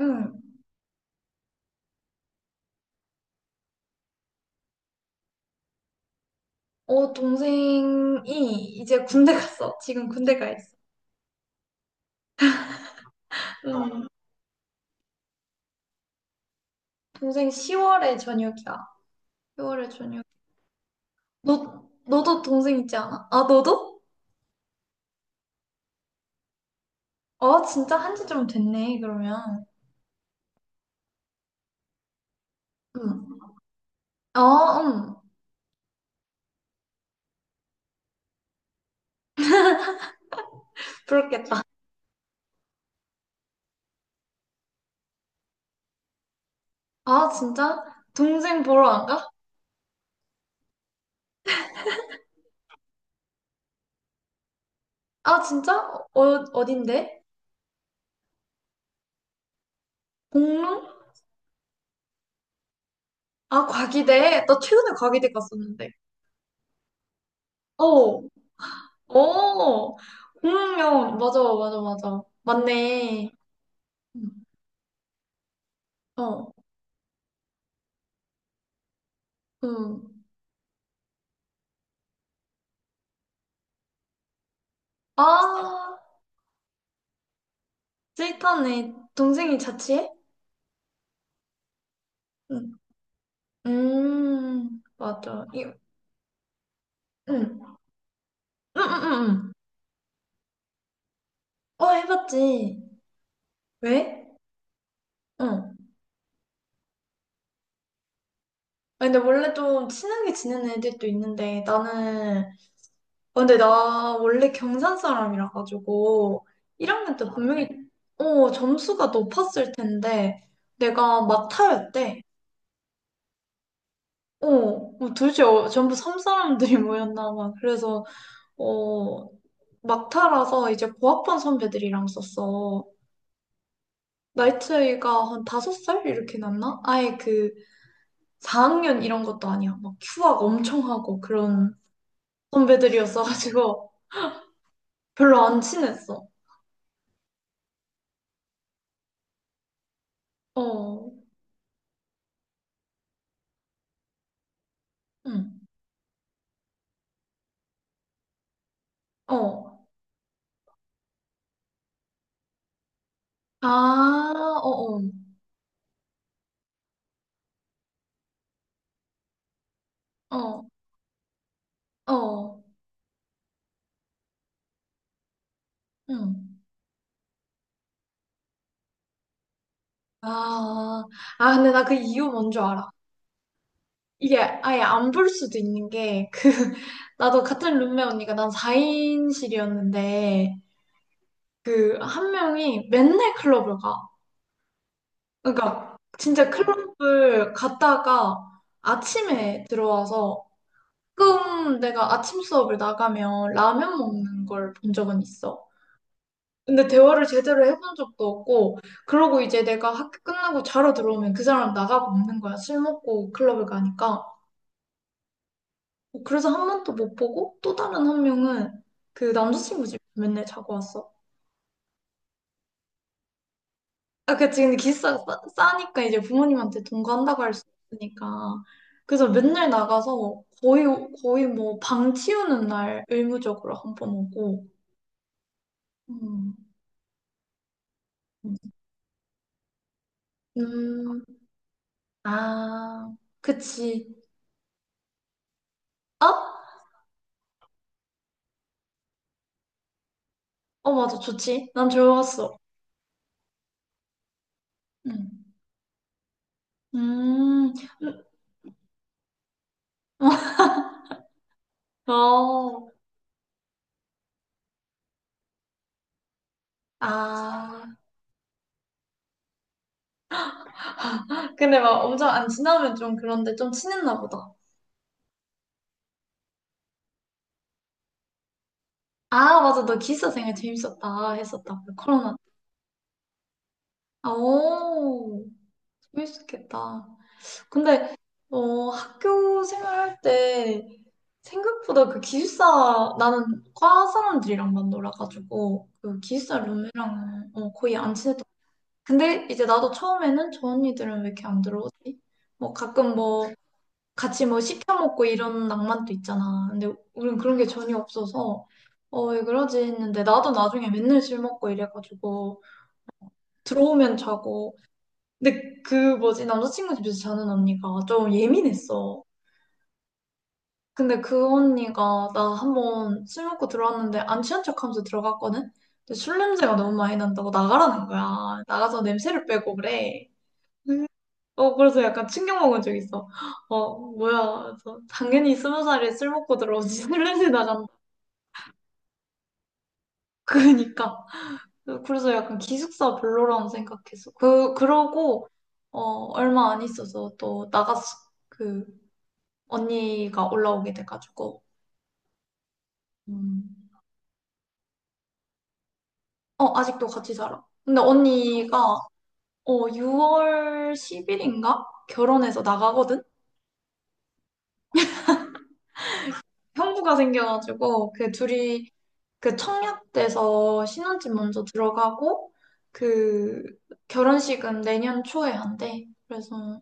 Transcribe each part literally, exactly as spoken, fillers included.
응. 어, 동생이 이제 군대 갔어. 지금 군대 가 있어. 응. 동생 시월에 저녁이야. 시월에 저녁. 너, 너도 동생 있지 않아? 아, 너도? 어, 진짜 한지 좀 됐네, 그러면. 응. 아, 응. 부럽겠다. 아, 진짜? 동생 보러 안 가? 아, 진짜? 어, 어딘데? 공릉? 아, 과기대. 나 최근에 과기대 갔었는데. 어, 어. 공릉역. 맞아, 맞아, 맞아. 맞네. 응. 어. 응. 아, 스윗하네. 동생이 자취해? 응. 음, 맞아. 이, 응. 응, 응, 응, 응. 어, 해봤지. 왜? 응. 아, 근데 원래 좀 친하게 지내는 애들도 있는데, 나는, 어, 근데 나 원래 경산 사람이라 가지고, 일 학년 때 아, 분명히, 그래? 어, 점수가 높았을 텐데, 내가 막타였대. 어, 뭐 도대체 어- 전부 섬 사람들이 모였나 봐. 그래서, 어, 막타라서 이제 고학번 선배들이랑 썼어. 나이 차이가 한 다섯 살 이렇게 났나? 아예 그 사 학년 이런 것도 아니야. 막 휴학 엄청 하고 그런 선배들이었어가지고 별로 안 친했어. 어, 응, 어. 아, 어, 어, 어, 어, 응. 아, 아, 근데 나 그 이유 뭔줄 알아. 이게 아예 안 볼 수도 있는 게, 그, 나도 같은 룸메 언니가 난 사 인실이었는데, 그 한 명이 맨날 클럽을 가. 그러니까 진짜 클럽을 갔다가 아침에 들어와서 가끔 내가 아침 수업을 나가면 라면 먹는 걸 본 적은 있어. 근데 대화를 제대로 해본 적도 없고, 그러고 이제 내가 학교 끝나고 자러 들어오면 그 사람 나가고 없는 거야. 술 먹고 클럽을 가니까. 그래서 한 번도 못 보고 또 다른 한 명은 그 남자친구 집 맨날 자고 왔어. 아, 그치. 근데 기숙사가 싸, 싸니까 이제 부모님한테 동거한다고 할 수 있으니까. 그래서 맨날 나가서 뭐 거의, 거의 뭐 방 치우는 날 의무적으로 한번 오고. 음, 음, 아, 그치. 어? 어, 맞아. 좋지. 난 좋았어. 음, 음, 음, 어, 아. 근데 막 엄청 안 친하면 좀 그런데 좀 친했나 보다. 아, 맞아. 너 기숙사 생활 재밌었다 했었다. 코로나 아, 오, 재밌겠다. 근데, 어, 학교 생활할 때 생각보다 그 기숙사, 나는 과 사람들이랑만 놀아가지고, 그 기숙사 룸메랑은 어, 거의 안 친했던. 근데 이제 나도 처음에는 저 언니들은 왜 이렇게 안 들어오지? 뭐 가끔 뭐 같이 뭐 시켜먹고 이런 낭만도 있잖아. 근데 우린 그런 게 전혀 없어서, 어, 왜 그러지 했는데, 나도 나중에 맨날 술 먹고 이래가지고, 들어오면 자고, 근데 그 뭐지 남자친구 집에서 자는 언니가 좀 예민했어. 근데 그 언니가 나 한번 술 먹고 들어왔는데 안 취한 척하면서 들어갔거든. 근데 술 냄새가 너무 많이 난다고 나가라는 거야. 나가서 냄새를 빼고 그래. 음, 어 그래서 약간 충격 먹은 적 있어. 어 뭐야? 그래서 당연히 스무 살에 술 먹고 들어오지 술 냄새 나간다. 그러니까 그래서 약간 기숙사 별로라고 생각했어. 그 그러고 어 얼마 안 있어서 또 나갔어. 그, 언니가 올라오게 돼가지고. 음. 어, 아직도 같이 살아. 근데 언니가 어, 유월 십 일인가? 결혼해서 나가거든? 형부가 생겨가지고 그 둘이 그 청약돼서 신혼집 먼저 들어가고 그 결혼식은 내년 초에 한대. 그래서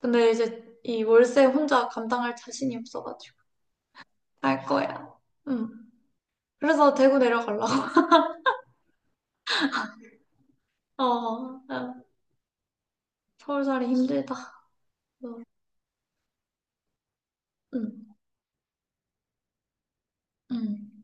근데 이제 이 월세 혼자 감당할 자신이 없어가지고 할 거야. 응. 그래서 대구 내려가려고. 어, 어. 서울 살이 힘들다. 어, 응, 응.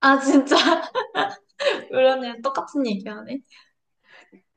아, 진짜. 그러네 똑같은 얘기하네.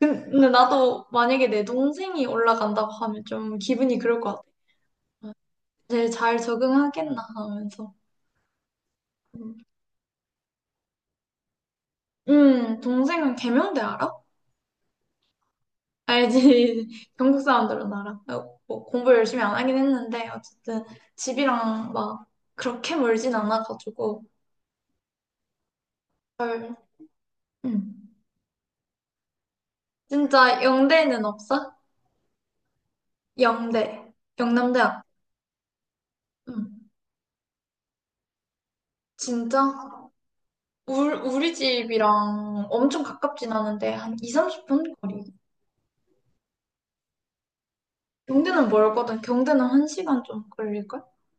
근- 근데 나도 만약에 내 동생이 올라간다고 하면 좀 기분이 그럴 것 같아. 아, 제일 잘 적응하겠나 하면서. 음, 음, 동생은 계명대 알아? 알지. 경북 사람들은 알아. 어, 뭐 공부 열심히 안 하긴 했는데, 어쨌든 집이랑 막 그렇게 멀진 않아가지고. 헐. 음. 진짜 영대는 없어? 영대. 영남대학. 음. 진짜? 울, 우리 집이랑 엄청 가깝진 않은데 한 이십, 삼십 분 거리. 경대는 멀거든. 경대는 한시간좀 걸릴걸?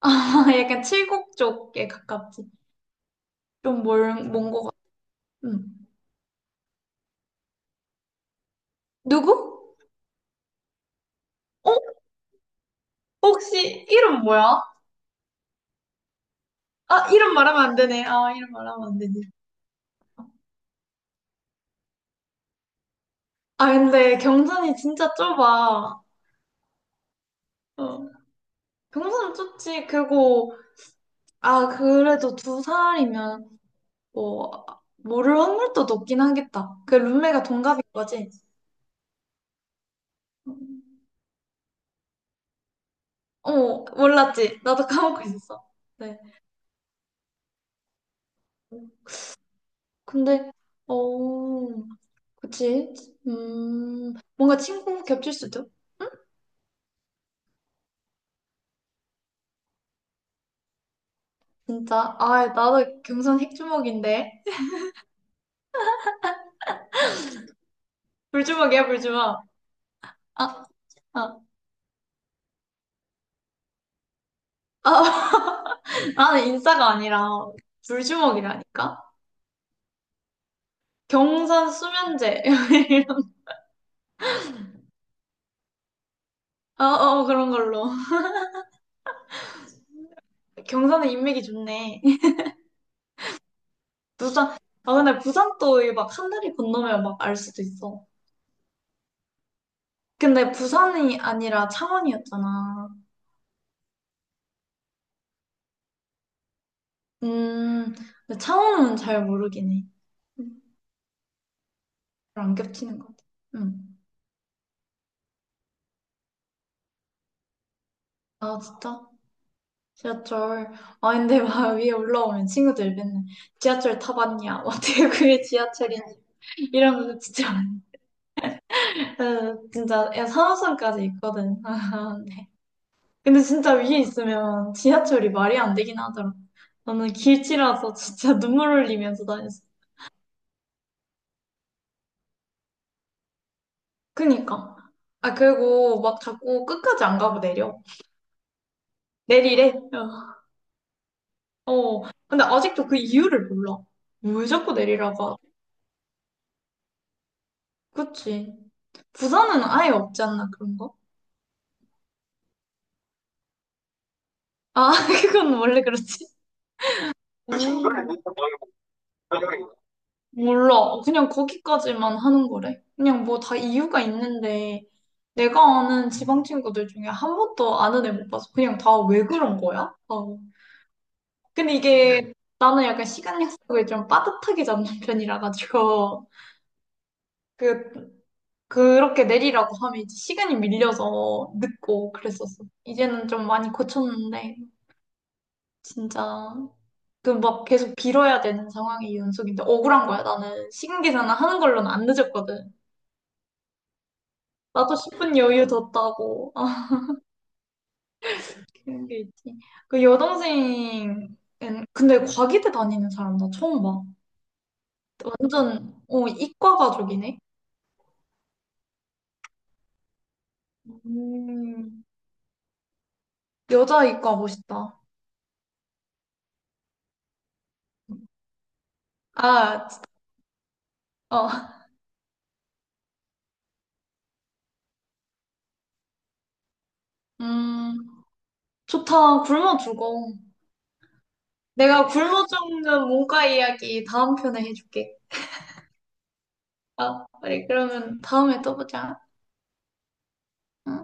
아, 약간 칠곡 쪽에 가깝지. 좀 멀, 먼거 같아. 음. 누구? 어? 혹시 이름 뭐야? 아, 이름 말하면 안 되네. 아, 이름 말하면 안 되네. 아, 근데 경산이 진짜 좁아. 어. 경산은 좁지. 그리고, 아, 그래도 두 살이면, 뭐, 모를 확률도 높긴 하겠다. 그 룸메가 동갑인 거지? 응. 어, 몰랐지. 나도 까먹고 있었어. 네. 근데, 어, 그치. 음, 뭔가 친구 겹칠 수도? 진짜. 아, 나도 경선 핵주먹인데. 불주먹이야, 불주먹. 아, 아, 아. 나는 인싸가 아니라 불주먹이라니까? 경선 수면제. 어, 어, 그런 걸로. 경선에 인맥이 좋네. 부산, 아, 근데 부산 또막 하늘이 건너면 막 알 수도 있어. 근데 부산이 아니라 창원이었잖아. 음, 근데 창원은 잘 모르긴 해. 음, 잘안 겹치는 것 같아. 음. 아, 진짜? 지하철. 아, 근데 막 위에 올라오면 친구들 맨날 지하철 타봤냐? 뭐 어떻게 그게 지하철이냐? 이런 거 진짜. 아, 진짜, 야, 산호선까지 있거든. 아, 네. 근데 진짜 위에 있으면 지하철이 말이 안 되긴 하더라. 나는 길치라서 진짜 눈물 흘리면서 다녔어. 그니까. 아, 그리고 막 자꾸 끝까지 안 가고 내려. 내리래. 어. 어. 근데 아직도 그 이유를 몰라. 왜 자꾸 내리라고 하지? 그치. 부산은 아예 없지 않나, 그런 거? 아, 그건 원래 그렇지. 음. 몰라. 그냥 거기까지만 하는 거래. 그냥 뭐 다 이유가 있는데, 내가 아는 지방 친구들 중에 한 번도 아는 애 못 봐서 그냥 다 왜 그런 거야? 어. 근데 이게 나는 약간 시간 약속을 좀 빠듯하게 잡는 편이라 가지고 그 그렇게 내리라고 하면 이제 시간이 밀려서 늦고 그랬었어. 이제는 좀 많이 고쳤는데 진짜 그 막 계속 빌어야 되는 상황이 연속인데 억울한 거야. 나는 시간 계산을 하는 걸로는 안 늦었거든. 나도 십 분 여유 뒀다고. 아, 그런 게 있지. 그 여동생은 근데 과기대 다니는 사람 나 처음 봐. 완전 어 이과 가족이네. 음, 여자 이과 멋있다. 아, 어. 음, 좋다. 굶어 죽어. 내가 굶어 죽는 문과 이야기 다음 편에 해줄게. 아, 우리 그러면 다음에 또 보자. 음.